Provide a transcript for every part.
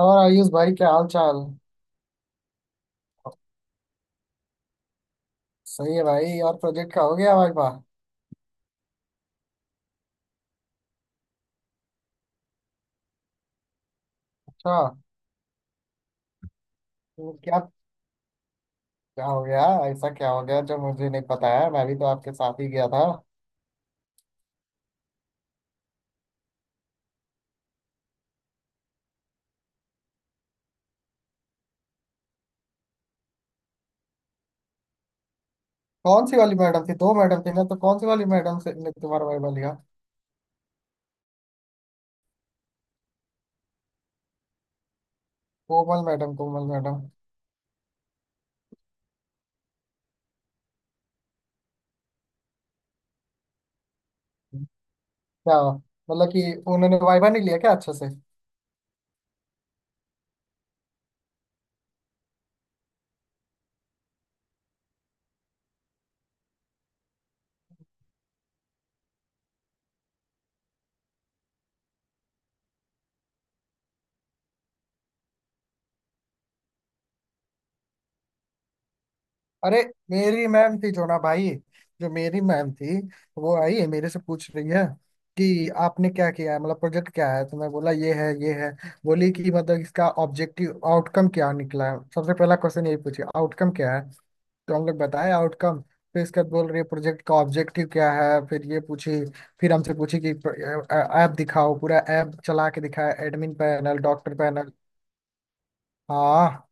और आयुष भाई, क्या हाल चाल। सही है भाई। और प्रोजेक्ट का हो गया भाई? वाह, अच्छा। तो क्या? क्या हो गया? ऐसा क्या हो गया जो मुझे नहीं पता है? मैं भी तो आपके साथ ही गया था। कौन सी वाली मैडम थी? दो मैडम थी ना, तो कौन सी वाली मैडम से ने तुम्हारा वाइवा लिया? Komal madam, Komal madam. क्या मतलब कि उन्होंने वाइवा नहीं लिया क्या अच्छे से? अरे मेरी मैम थी जो ना भाई, जो मेरी मैम थी वो आई है, मेरे से पूछ रही है कि आपने क्या किया है, मतलब प्रोजेक्ट क्या है। तो मैं बोला ये है ये है। बोली कि मतलब इसका ऑब्जेक्टिव आउटकम क्या निकला है। सबसे पहला क्वेश्चन यही पूछे, आउटकम क्या है। तो हम लोग बताए आउटकम। फिर इसके बाद बोल रही है प्रोजेक्ट का ऑब्जेक्टिव क्या है, फिर ये पूछी। फिर हमसे पूछी कि ऐप दिखाओ। पूरा ऐप चला के दिखाया, एडमिन पैनल, डॉक्टर पैनल। हाँ,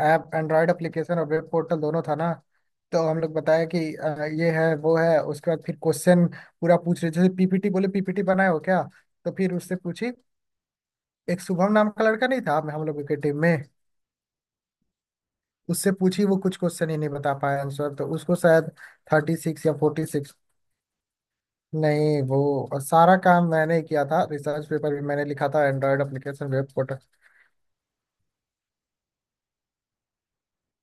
ऐप एंड्रॉयड एप्लीकेशन और वेब पोर्टल दोनों था ना। तो हम लोग बताया कि ये है वो है। उसके बाद फिर क्वेश्चन पूरा पूछ रहे, जैसे पीपीटी बोले, पीपीटी बनाए हो क्या। तो फिर उससे पूछी। एक शुभम नाम का लड़का नहीं था हम लोगों के टीम में, उससे पूछी। वो कुछ क्वेश्चन ही नहीं बता पाया आंसर तो उसको शायद। 36 या 46। नहीं वो, और सारा काम मैंने ही किया था, रिसर्च पेपर भी मैंने लिखा था, एंड्रॉयड एप्लीकेशन, वेब पोर्टल।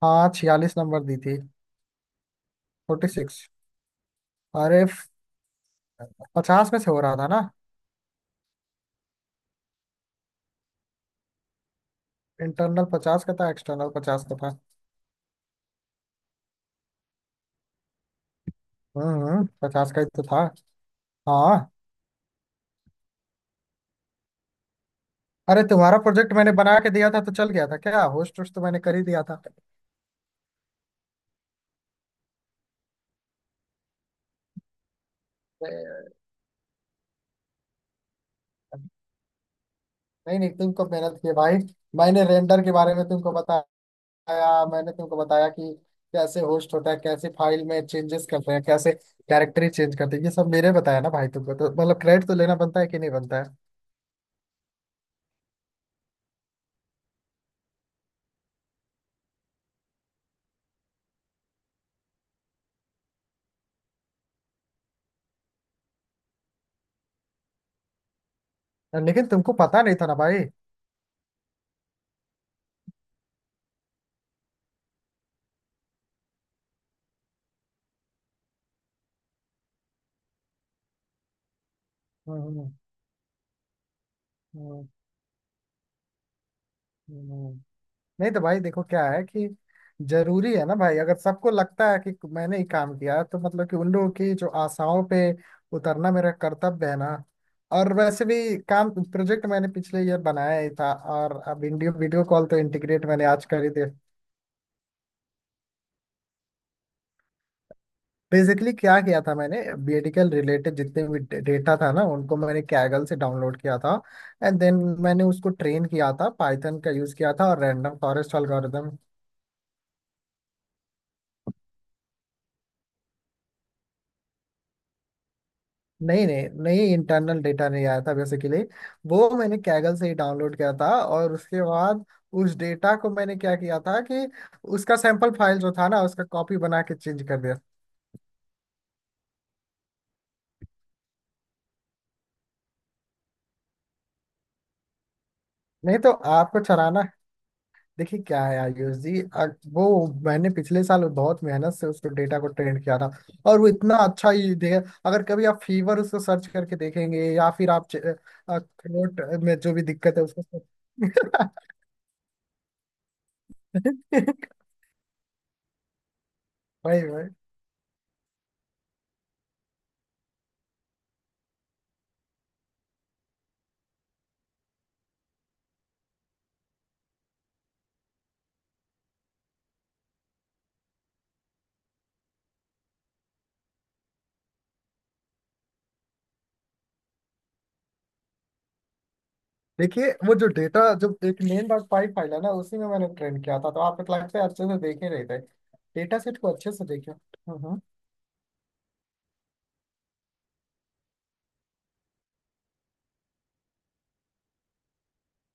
हाँ, 46 नंबर दी थी। 46। अरे, 50 में से हो रहा था ना। इंटरनल 50 का था, एक्सटर्नल 50 का था। 50 का ही तो था। हाँ। अरे तुम्हारा प्रोजेक्ट मैंने बना के दिया था तो चल गया था क्या? होस्ट वोस्ट तो मैंने कर ही दिया था। ए, नहीं नहीं, तुम कब मेहनत किए भाई? मैंने रेंडर के बारे में तुमको बताया। मैंने तुमको बताया कि कैसे होस्ट होता है, कैसे फाइल में चेंजेस करते हैं, कैसे कैरेक्टर ही चेंज करते हैं। ये सब मेरे बताया ना भाई तुमको, तो मतलब क्रेडिट तो लेना बनता है कि नहीं बनता है? लेकिन तुमको पता नहीं था ना भाई। हम्म हम्म हम्म, हम्म। हम्म। नहीं तो भाई देखो, क्या है कि जरूरी है ना भाई। अगर सबको लगता है कि मैंने ही काम किया तो मतलब कि उन लोगों की जो आशाओं पे उतरना मेरा कर्तव्य है ना। और वैसे भी काम प्रोजेक्ट मैंने पिछले ईयर बनाया ही था, और अब वीडियो वीडियो कॉल तो इंटीग्रेट मैंने आज कर ही दिया। बेसिकली क्या किया था मैंने, मेडिकल रिलेटेड जितने भी डेटा था ना उनको मैंने कैगल से डाउनलोड किया था। एंड देन मैंने उसको ट्रेन किया था, पाइथन का यूज किया था, और रैंडम फॉरेस्ट एल्गोरिदम। नहीं नहीं नहीं, इंटरनल डेटा नहीं आया था। बेसिकली वो मैंने कैगल से ही डाउनलोड किया था। और उसके बाद उस डेटा को मैंने क्या किया था कि उसका सैंपल फाइल जो था ना उसका कॉपी बना के चेंज कर दिया। नहीं तो आपको चलाना। देखिए क्या है आयुष जी, वो मैंने पिछले साल बहुत मेहनत से उसको डेटा को ट्रेंड किया था। और वो इतना अच्छा ही दे। अगर कभी आप फीवर उसको सर्च करके देखेंगे, या फिर आप च-, थ्रोट में जो भी दिक्कत है उसको। वही वही। देखिए वो जो डेटा, जब एक मेन डॉट पाई फाइल है ना, उसी में मैंने ट्रेन किया था, तो आप एक लाइफ से अच्छे से देख ही रहे थे डेटा सेट को, अच्छे से देखिए।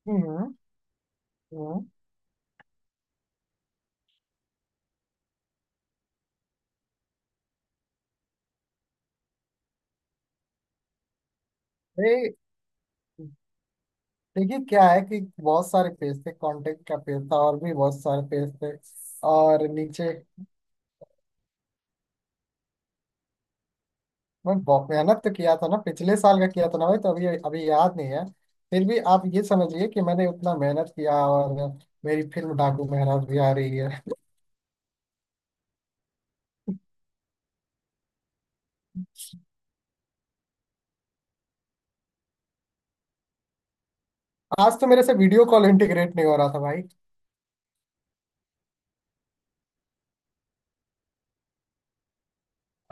हम्म हम्म। अरे, देखिए क्या है कि बहुत सारे पेज थे, कांटेक्ट का पेज था, और भी बहुत सारे पेज थे, और नीचे। मैं बहुत मेहनत तो किया था ना, पिछले साल का किया था ना भाई, तो अभी अभी याद नहीं है। फिर भी आप ये समझिए कि मैंने उतना मेहनत किया, और मेरी फिल्म डाकू महाराज भी आ रही है। आज तो मेरे से वीडियो कॉल इंटीग्रेट नहीं हो रहा था भाई।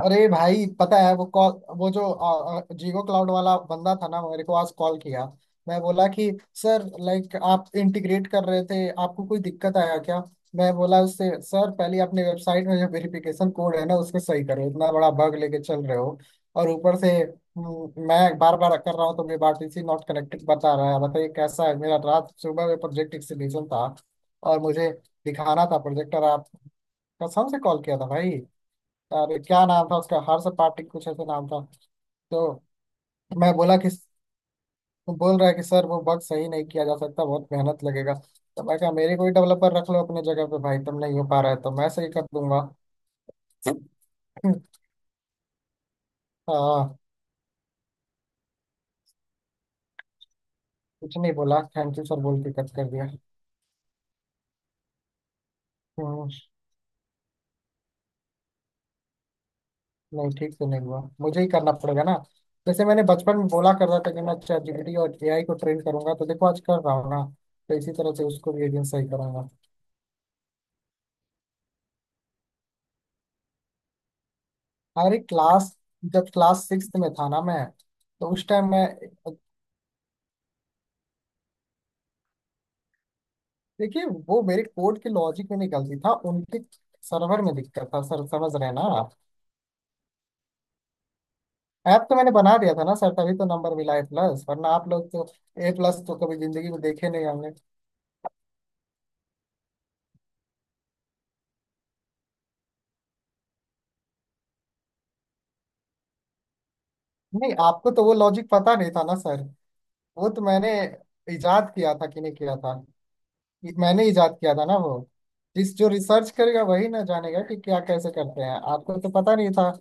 अरे भाई पता है, वो कॉल, वो जो आ, आ, जीगो क्लाउड वाला बंदा था ना, मेरे को आज कॉल किया। मैं बोला कि सर, लाइक आप इंटीग्रेट कर रहे थे, आपको कोई दिक्कत आया क्या। मैं बोला उससे, सर पहले अपने वेबसाइट में जो वेरिफिकेशन कोड है ना उसको सही करो, इतना बड़ा बग लेके चल रहे हो। और ऊपर से मैं बार बार कर रहा हूँ तो मेरे बारटीसी नॉट कनेक्टेड बता रहा है। बताइए कैसा है, मेरा रात सुबह में प्रोजेक्ट एक्सीबिशन था, और मुझे दिखाना था प्रोजेक्ट। और आप, कसम से कॉल किया था भाई। अरे क्या नाम था उसका, हर्ष पाटिल कुछ ऐसे नाम था। तो मैं बोला कि, बोल रहा है कि सर वो बग सही नहीं किया जा सकता, बहुत मेहनत लगेगा। तो मैं कहा मेरे, कोई डेवलपर रख लो अपने जगह पे भाई, तुम नहीं हो पा रहा है तो मैं सही कर दूंगा। हाँ। कुछ नहीं बोला, थैंक यू सर बोल के कट कर दिया। हम्म, नहीं ठीक से नहीं हुआ, मुझे ही करना पड़ेगा ना। जैसे मैंने बचपन में बोला कर रहा था कि मैं चैट जीपीटी और एआई को ट्रेन करूंगा, तो देखो आज कर रहा हूँ ना। तो इसी तरह से उसको भी एक दिन सही करूंगा। अरे क्लास, जब क्लास 6 में था ना मैं, तो उस टाइम मैं। देखिए वो मेरे कोड के लॉजिक में निकलती था, उनके सर्वर में दिक्कत था सर, समझ रहे हैं ना आप। ऐप तो मैंने बना दिया था ना सर, तभी तो नंबर मिला ए प्लस, वरना आप लोग तो। ए प्लस तो कभी जिंदगी में देखे नहीं हमने। नहीं, आपको तो वो लॉजिक पता नहीं था ना सर। वो तो मैंने इजाद किया था कि नहीं किया था। ये मैंने इजाद किया था ना वो। जिस जो रिसर्च करेगा वही ना जानेगा कि क्या कैसे करते हैं, आपको तो पता नहीं था।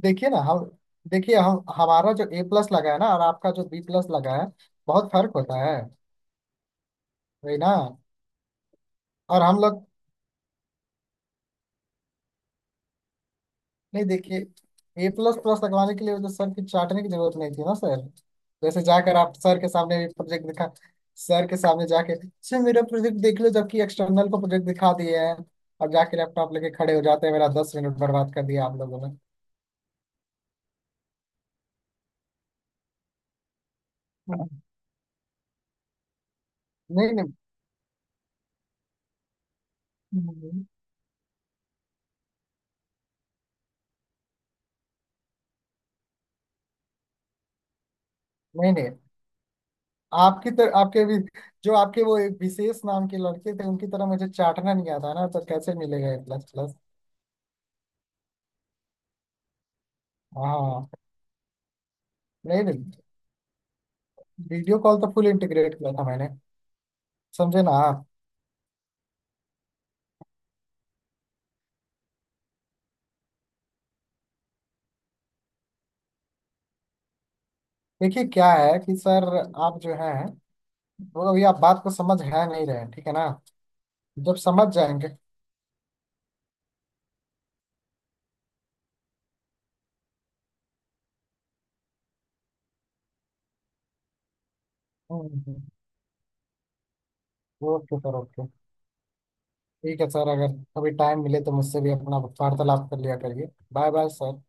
देखिए ना हम, देखिए हम, हमारा जो ए प्लस लगा है ना और आपका जो बी प्लस लगा है, बहुत फर्क होता है। वही ना। और हम लोग, नहीं देखिए, ए प्लस प्लस लगवाने के लिए वो तो सर की चाटने की जरूरत नहीं थी ना सर। जैसे जाकर आप सर के सामने भी प्रोजेक्ट दिखा, सर के सामने जाके सर मेरा प्रोजेक्ट देख लो, जबकि एक्सटर्नल को प्रोजेक्ट दिखा दिए हैं। और जाके लैपटॉप लेके खड़े हो जाते हैं, मेरा 10 मिनट बर्बाद कर दिया आप लोगों ने। नहीं नहीं नहीं नहीं। आपकी तर, आपके भी जो आपके वो एक विशेष नाम के लड़के थे उनकी तरह मुझे चाटना नहीं आता ना, तो कैसे मिलेगा ए प्लस प्लस। हाँ। नहीं नहीं, वीडियो कॉल तो फुल इंटीग्रेट किया था मैंने, समझे ना आप। देखिए क्या है कि सर आप जो है वो अभी आप बात को समझ है नहीं रहे हैं, ठीक है ना। जब समझ जाएंगे। हम्म, हम्म, ओके सर, ओके। ठीक है सर, अगर कभी टाइम मिले तो मुझसे भी अपना वार्तालाप कर लिया करिए। Bye bye sir.